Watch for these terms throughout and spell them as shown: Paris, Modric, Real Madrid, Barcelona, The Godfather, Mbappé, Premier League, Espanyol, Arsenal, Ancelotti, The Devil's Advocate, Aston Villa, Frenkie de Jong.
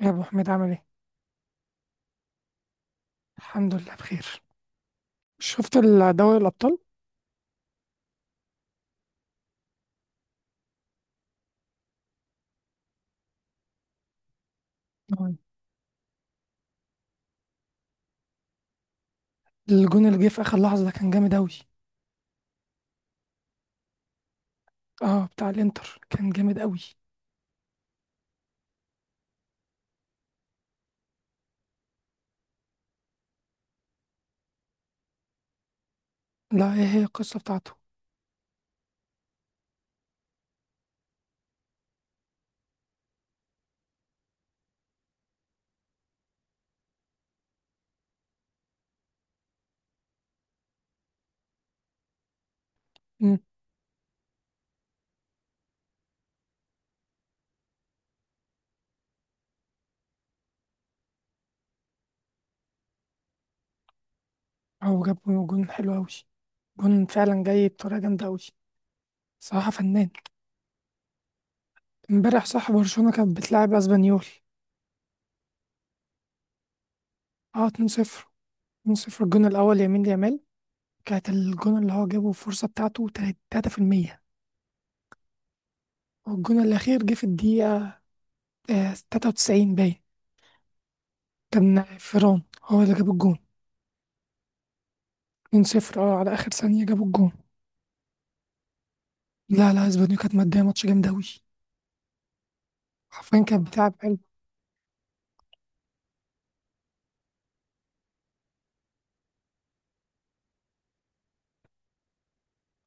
يا ابو حميد، عامل ايه؟ الحمد لله بخير. شفت دوري الابطال؟ نعم. الجون اللي جه في اخر لحظه ده كان جامد اوي. اه، بتاع الانتر كان جامد اوي. لا، ايه هي القصه بتاعته؟ امم. هو جاب جون حلو اوي، جون فعلا جاي بطريقه جامده اوي، صراحه فنان. امبارح صح؟ برشلونه كانت بتلعب اسبانيول. اه، 2-0. 2-0، الجون الاول يمين يامال، كانت الجون اللي هو جابه الفرصه بتاعته 3%. والجون الاخير جه في الدقيقه 93 باين. كان فيران هو اللي جاب الجون. 2-0، اه، على اخر ثانية جابوا الجون. لا، لا، اسبانيول كانت مادية، ماتش جامد اوي، حرفيا كانت بتلعب حلو.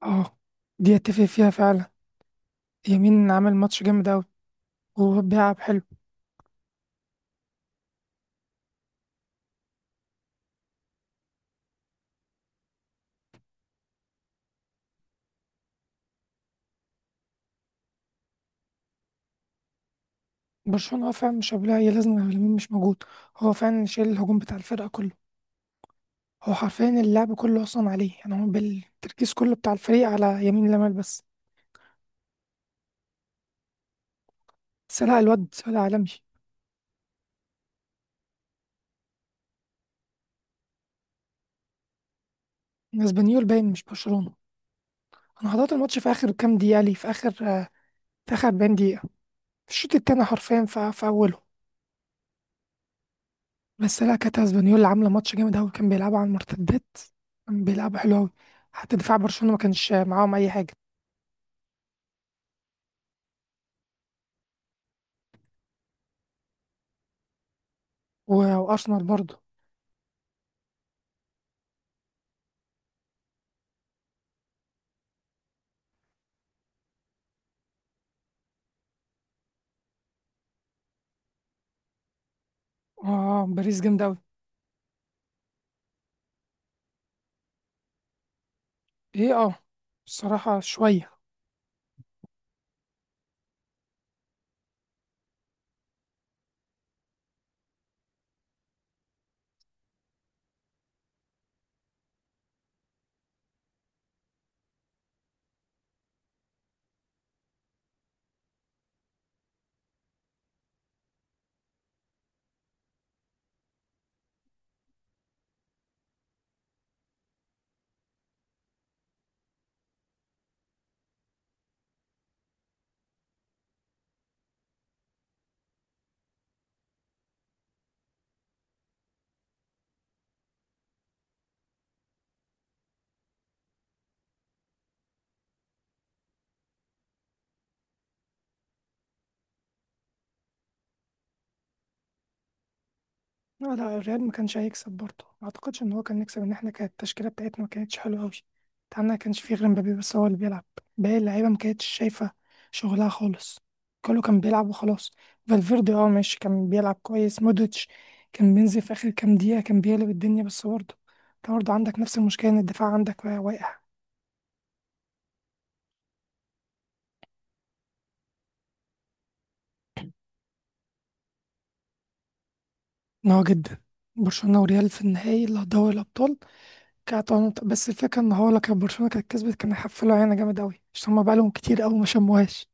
اه، دي اتفق فيها فعلا. يمين عمل ماتش جامد اوي وهو بيلعب حلو. برشلونة هو فعلا مش قابلها، هي لازم يمين مش موجود. هو فعلا شايل الهجوم بتاع الفرقة كله، هو حرفيا اللعب كله اصلا عليه، يعني هو بالتركيز كله بتاع الفريق على يمين لمال بس. بس لا، الواد واد عالمي. اسبانيول باين مش برشلونة. انا حضرت الماتش في اخر كام دقيقة ليه، في اخر 40 دقيقة، الشوط التاني حرفيا في اوله. بس لا، كانت اسبانيولا عامله ماتش جامد قوي، كان بيلعبوا على المرتدات، كان بيلعبوا حلو قوي. حتى دفاع برشلونه ما كانش معاهم اي حاجه. وارسنال برضه. اه، باريس جامد قوي. ايه، اه، الصراحه شويه. لا، لا، الريال ما كانش هيكسب برضه، ما اعتقدش ان هو كان يكسب، ان احنا كانت التشكيله بتاعتنا ما كانتش حلوه قوي. بتاعنا ما كانش فيه غير مبابي بس هو اللي بيلعب، باقي اللعيبه ما كانتش شايفه شغلها خالص، كله كان بيلعب وخلاص. فالفيردي، اه، ماشي كان بيلعب كويس. مودريتش كان بينزل في اخر كام دقيقه كان بيقلب الدنيا، بس برضه انت برضه عندك نفس المشكله ان الدفاع عندك واقع. ان هو جدا برشلونه وريال في النهائي اللي هو دوري الابطال. كانت بس الفكره ان هو لو كان برشلونه كانت كسبت كان هيحفلوا علينا جامد قوي عشان هما بقالهم كتير قوي ما شموهاش.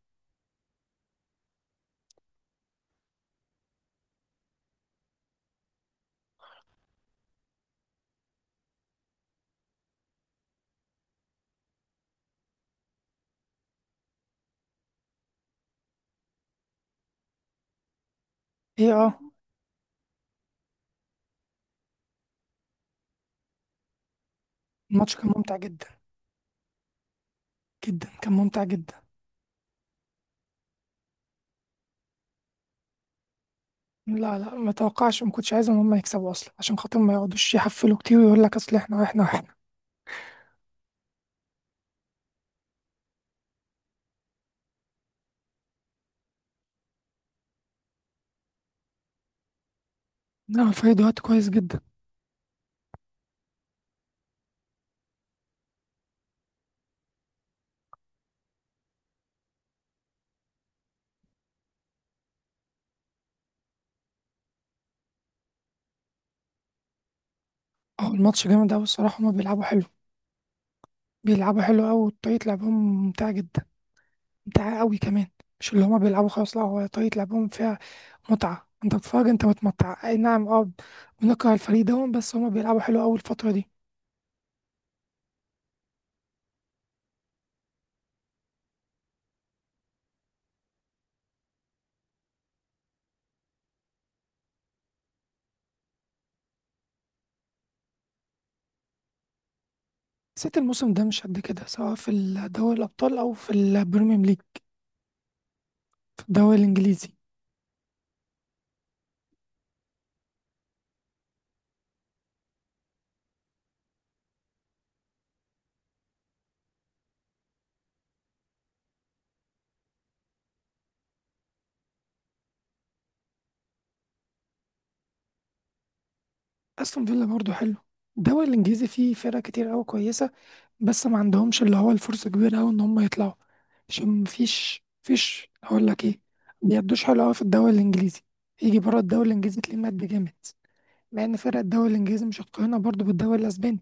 ايه، اه، الماتش كان ممتع جدا، جدا كان ممتع جدا. لا، لا، ما توقعش ما كنتش عايز ان هم يكسبوا اصلا عشان خاطر ما يقعدوش يحفلوا كتير ويقول لك اصل احنا واحنا واحنا. لا، الفريق دلوقتي كويس جدا. اه، الماتش جامد قوي الصراحه، هما بيلعبوا حلو، بيلعبوا حلو قوي، وطريقه لعبهم ممتعه جدا، ممتعه قوي كمان. مش اللي هما بيلعبوا خلاص، لا، هو طريقه لعبهم فيها متعه، انت بتتفرج انت متمتع، اي نعم، اه. بنكره الفريق ده بس هما بيلعبوا حلو قوي الفتره دي. حسيت الموسم ده مش قد كده سواء في دوري الابطال او في البريمير ليج، دوري الانجليزي. استون فيلا برضه حلو. الدوري الانجليزي فيه فرق كتير قوي كويسه، بس ما عندهمش اللي هو الفرصه كبيره قوي ان هم يطلعوا، عشان مفيش فيش اقول لك ايه، بيدوش حلو قوي في الدوري الانجليزي، يجي بره الدوري الانجليزي تلاقيه مات بجامد. مع ان فرق الدوري الانجليزي مش هتقارنها برضه بالدوري الاسباني.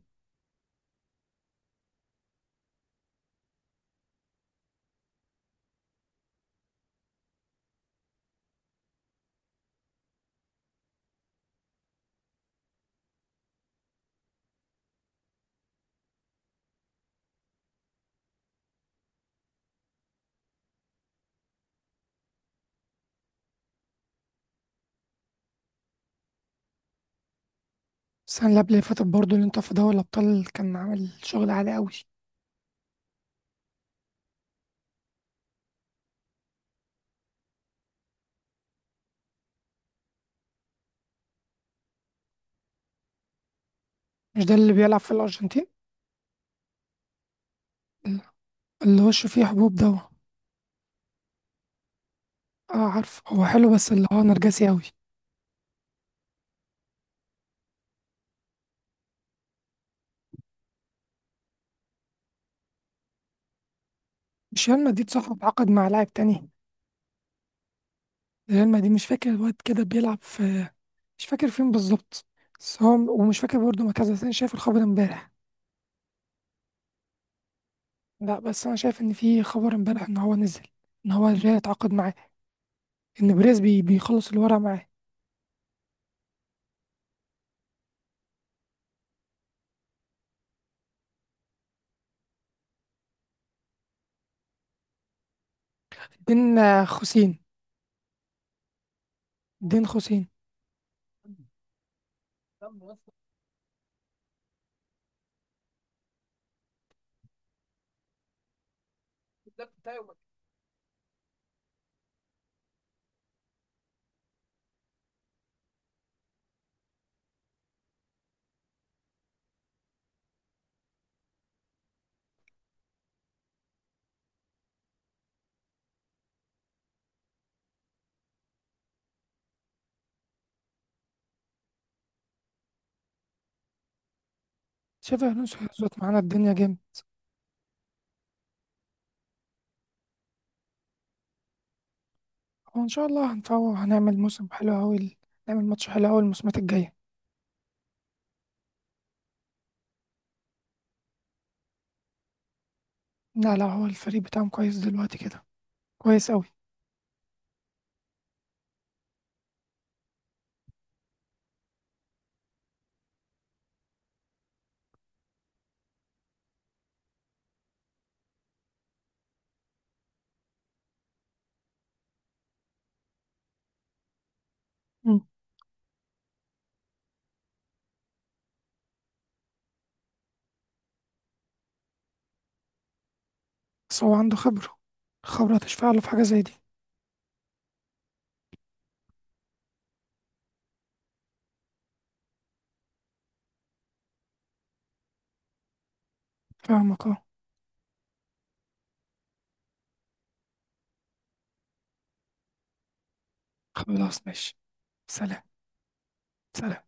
السنه اللي قبل اللي فاتت برضه اللي انت في دوري الابطال كان عامل شغل عالي قوي. مش ده اللي بيلعب في الارجنتين؟ اللي وشه فيه حبوب ده؟ اه، عارف هو حلو بس اللي هو نرجسي قوي. مش ريال مدريد صاحب عقد مع لاعب تاني؟ ريال مدريد، مش فاكر الواد كده بيلعب في، مش فاكر فين بالظبط، بس هو ومش فاكر برضه مركز، بس انا شايف الخبر امبارح. لا بس انا شايف ان في خبر امبارح ان هو نزل، ان هو الريال اتعاقد معاه، ان بريز بي بيخلص الورق معاه. دين خوسين. دين خوسين. شايف الونسو هيظبط معانا الدنيا جامد. وان شاء الله هنفوق وهنعمل موسم حلو اوي، نعمل ماتش حلو اوي الموسمات الجايه. لا، لا، هو الفريق بتاعهم كويس دلوقتي كده، كويس اوي. مم. بس هو عنده خبره، الخبره تشفع له في حاجه زي دي. فاهمك اه. خلاص، ماشي. سلام. سلام.